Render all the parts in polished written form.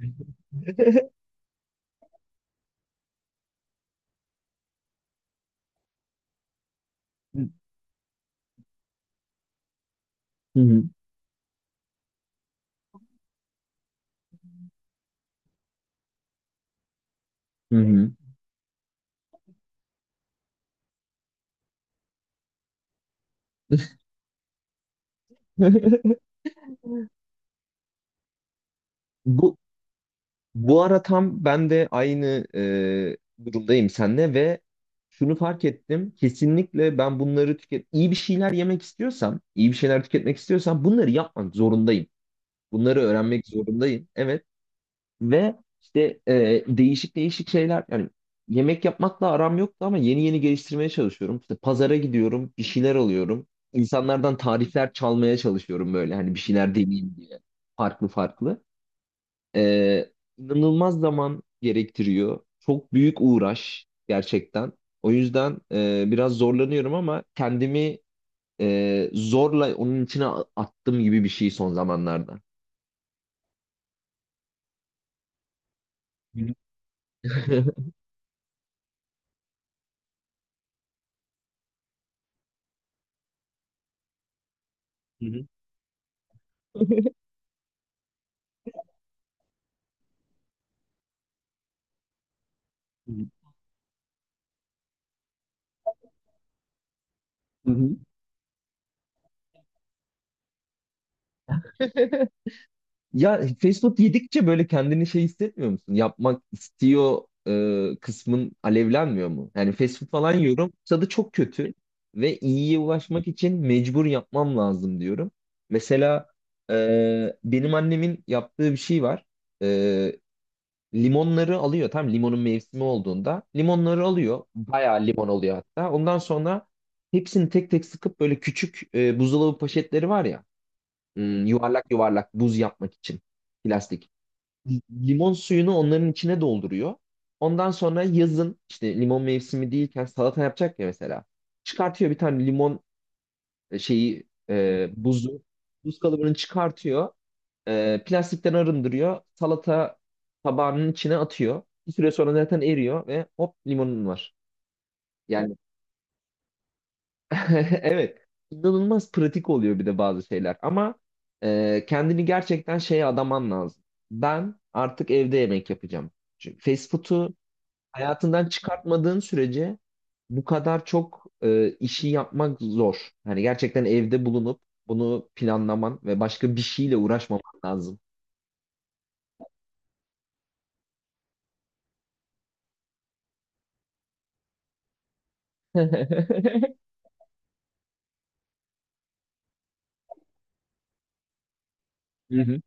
Hı hı. Hı hı. Bu bu ara tam ben de aynı e, durumdayım seninle ve şunu fark ettim. Kesinlikle ben bunları iyi bir şeyler yemek istiyorsam, iyi bir şeyler tüketmek istiyorsam bunları yapmak zorundayım. Bunları öğrenmek zorundayım. Evet. Ve işte değişik değişik şeyler, yani yemek yapmakla aram yoktu ama yeni yeni geliştirmeye çalışıyorum. İşte pazara gidiyorum, bir şeyler alıyorum. İnsanlardan tarifler çalmaya çalışıyorum, böyle hani bir şeyler deneyeyim diye. Farklı farklı. E, inanılmaz zaman gerektiriyor. Çok büyük uğraş gerçekten. O yüzden biraz zorlanıyorum ama kendimi zorla onun içine attım gibi bir şey son zamanlarda. Hı hı. Hı hı. Hı hı. Ya fast food yedikçe böyle kendini şey hissetmiyor musun? Yapmak istiyor kısmın alevlenmiyor mu? Yani fast food falan yiyorum. Tadı çok kötü ve iyiye ulaşmak için mecbur yapmam lazım diyorum. Mesela benim annemin yaptığı bir şey var. E, Limonları alıyor. Tam limonun mevsimi olduğunda limonları alıyor. Bayağı limon oluyor hatta. Ondan sonra hepsini tek tek sıkıp böyle küçük buzdolabı poşetleri var ya. Yuvarlak yuvarlak buz yapmak için plastik. Limon suyunu onların içine dolduruyor. Ondan sonra yazın işte limon mevsimi değilken salata yapacak ya mesela. Çıkartıyor bir tane limon, şeyi, buzu. Buz kalıbını çıkartıyor. Plastikten arındırıyor. Salata tabağının içine atıyor. Bir süre sonra zaten eriyor ve hop, limonun var. Yani evet, inanılmaz pratik oluyor bir de bazı şeyler. Ama kendini gerçekten şeye adaman lazım. Ben artık evde yemek yapacağım. Çünkü fast food'u hayatından çıkartmadığın sürece bu kadar çok işi yapmak zor. Hani gerçekten evde bulunup bunu planlaman ve başka bir şeyle uğraşmaman lazım. Hı hı,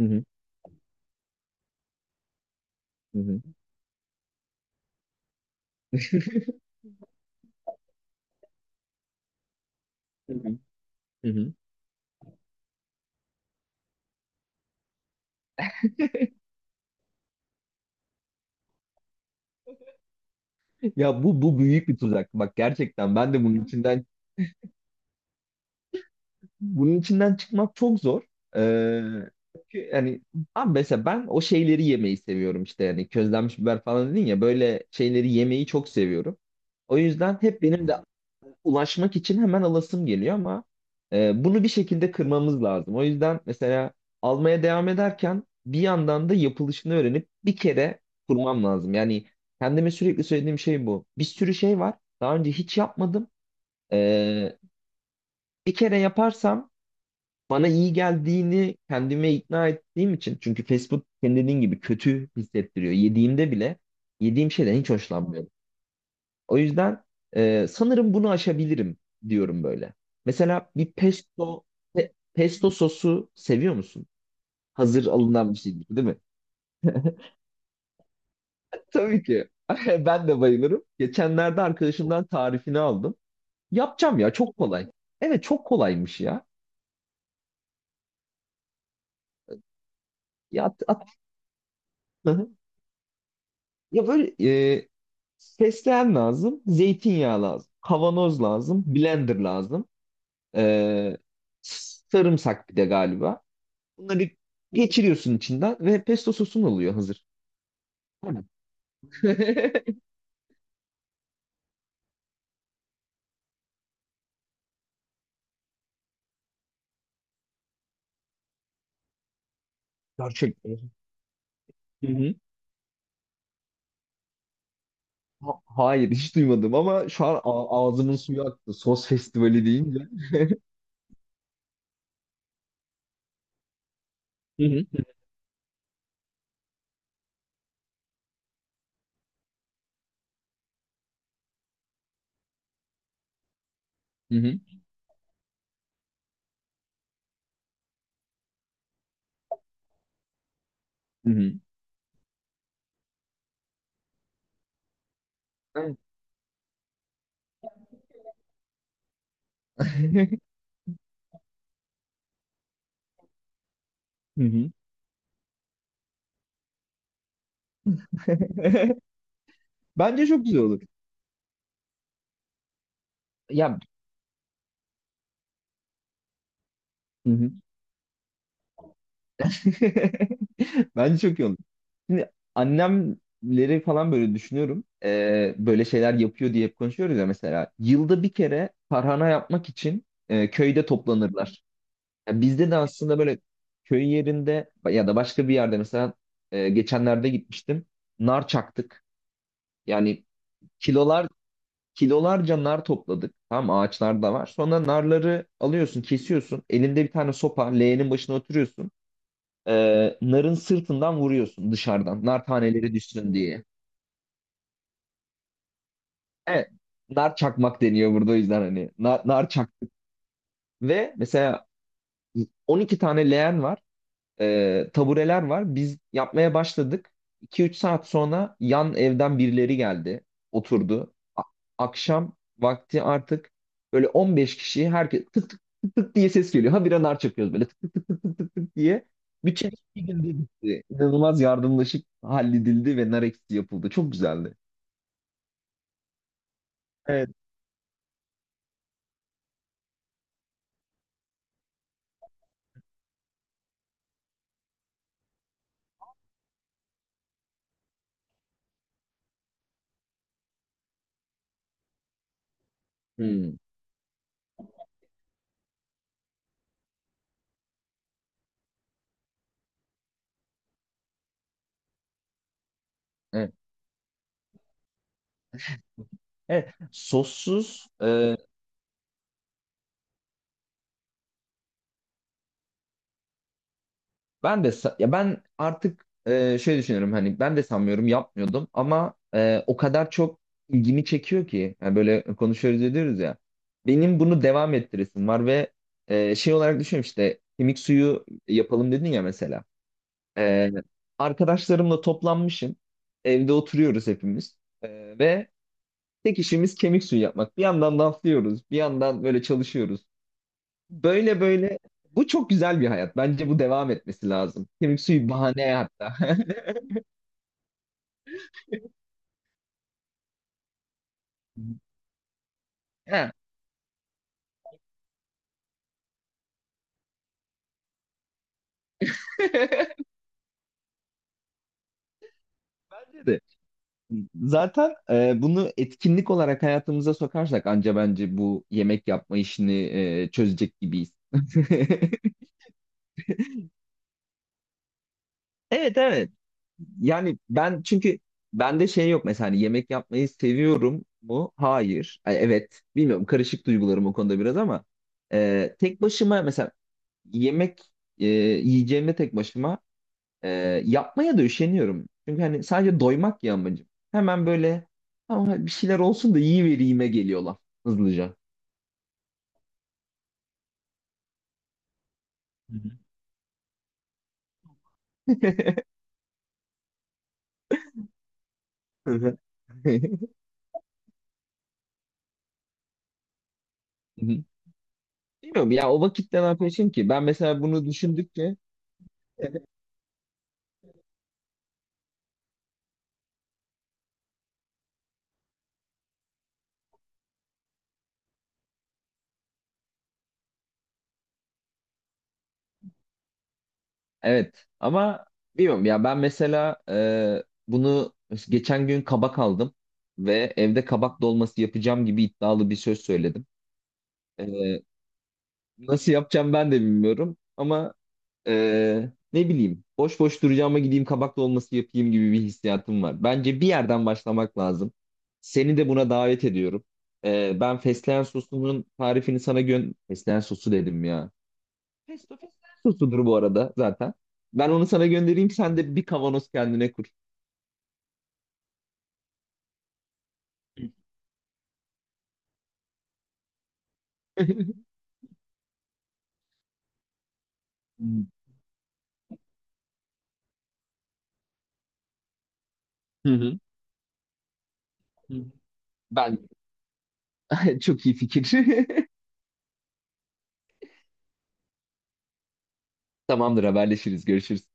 hı hı, hı hı, hı hı, hı hı. Ya bu büyük bir tuzak. Bak, gerçekten ben de bunun içinden çıkmak çok zor. Ee, Çünkü yani abi, mesela ben o şeyleri yemeyi seviyorum, işte yani közlenmiş biber falan dedin ya, böyle şeyleri yemeyi çok seviyorum. O yüzden hep benim de ulaşmak için hemen alasım geliyor ama bunu bir şekilde kırmamız lazım. O yüzden mesela almaya devam ederken bir yandan da yapılışını öğrenip bir kere kurmam lazım. Yani kendime sürekli söylediğim şey bu. Bir sürü şey var. Daha önce hiç yapmadım. Ee, Bir kere yaparsam bana iyi geldiğini kendime ikna ettiğim için, çünkü Facebook food senin dediğin gibi kötü hissettiriyor. Yediğimde bile yediğim şeyden hiç hoşlanmıyorum. O yüzden sanırım bunu aşabilirim diyorum böyle. Mesela bir pesto sosu seviyor musun? Hazır alınan bir şey değil mi? Tabii ki. Ben de bayılırım. Geçenlerde arkadaşımdan tarifini aldım. Yapacağım ya, çok kolay. Evet, çok kolaymış ya. Ya at, at. Ya böyle e, fesleğen lazım, zeytinyağı lazım, kavanoz lazım, blender lazım, e, sarımsak bir de galiba. Bunları geçiriyorsun içinden ve pesto sosun oluyor hazır. Tamam. Gerçekten. Hı hı. Hayır, hiç duymadım ama şu an ağzımın suyu aktı. Sos festivali deyince. Hı hı. Hı hı. Hı hı. Evet. Hı hı. Bence çok güzel olur. Ya, hı hı. Bence çok iyi olur. Şimdi annemleri falan böyle düşünüyorum. Böyle şeyler yapıyor diye hep konuşuyoruz ya mesela. Yılda bir kere tarhana yapmak için köyde toplanırlar. Ya bizde de aslında böyle köy yerinde ya da başka bir yerde, mesela geçenlerde gitmiştim. Nar çaktık. Yani kilolar kilolarca nar topladık. Tamam, ağaçlar da var. Sonra narları alıyorsun, kesiyorsun. Elinde bir tane sopa, leğenin başına oturuyorsun, narın sırtından vuruyorsun dışarıdan. Nar taneleri düşsün diye. Evet. Nar çakmak deniyor burada, o yüzden hani. Nar, nar çaktık. Ve mesela 12 tane leğen var, tabureler var. Biz yapmaya başladık. İki üç saat sonra yan evden birileri geldi, oturdu. Akşam vakti artık böyle 15 kişi, herkes tık tık tık tık diye ses geliyor. Ha, bir anar çakıyoruz böyle, tık tık tık tık tık tık tık diye. Bütçe bir günde bitti. İnanılmaz yardımlaşıp halledildi ve nar ekşisi yapıldı. Çok güzeldi. Evet. Hmm. Evet. Evet. Sossuz ben de ya, ben artık şey düşünüyorum, hani ben de sanmıyorum yapmıyordum ama o kadar çok ilgimi çekiyor ki, yani böyle konuşuyoruz ediyoruz ya, benim bunu devam ettiresim var ve şey olarak düşünüyorum, işte kemik suyu yapalım dedin ya mesela. E, Arkadaşlarımla toplanmışım, evde oturuyoruz hepimiz, ve tek işimiz kemik suyu yapmak, bir yandan laflıyoruz bir yandan böyle çalışıyoruz. Böyle böyle, bu çok güzel bir hayat. Bence bu devam etmesi lazım. Kemik suyu bahane hatta. Ha. Bence de. Zaten bunu etkinlik olarak hayatımıza sokarsak anca bence bu yemek yapma işini çözecek gibiyiz. Evet, evet. Yani ben çünkü bende şey yok mesela, hani yemek yapmayı seviyorum mu? Hayır. Ay, evet. Bilmiyorum, karışık duygularım o konuda biraz ama tek başıma mesela yemek yiyeceğimde tek başıma e, yapmaya da üşeniyorum. Çünkü hani sadece doymak ya amacım. Hemen böyle, ama bir şeyler olsun da yiyivereyim'e geliyorlar hızlıca. Hı hı. Hı hı. Mhm. Bilmiyorum ya, o vakitte ne yapıyorsun ki? Ben mesela bunu düşündükçe evet, ama bilmiyorum ya, ben mesela bunu geçen gün kabak aldım ve evde kabak dolması yapacağım gibi iddialı bir söz söyledim. E, Nasıl yapacağım ben de bilmiyorum ama ne bileyim, boş boş duracağıma gideyim kabak dolması yapayım gibi bir hissiyatım var. Bence bir yerden başlamak lazım. Seni de buna davet ediyorum. Ben fesleğen sosunun tarifini sana. Fesleğen sosu dedim ya. Pesto fesleğen sosudur bu arada zaten. Ben onu sana göndereyim, sen de bir kavanoz kendine kur. Hı hı. Ben çok iyi fikir. Tamamdır, haberleşiriz, görüşürüz.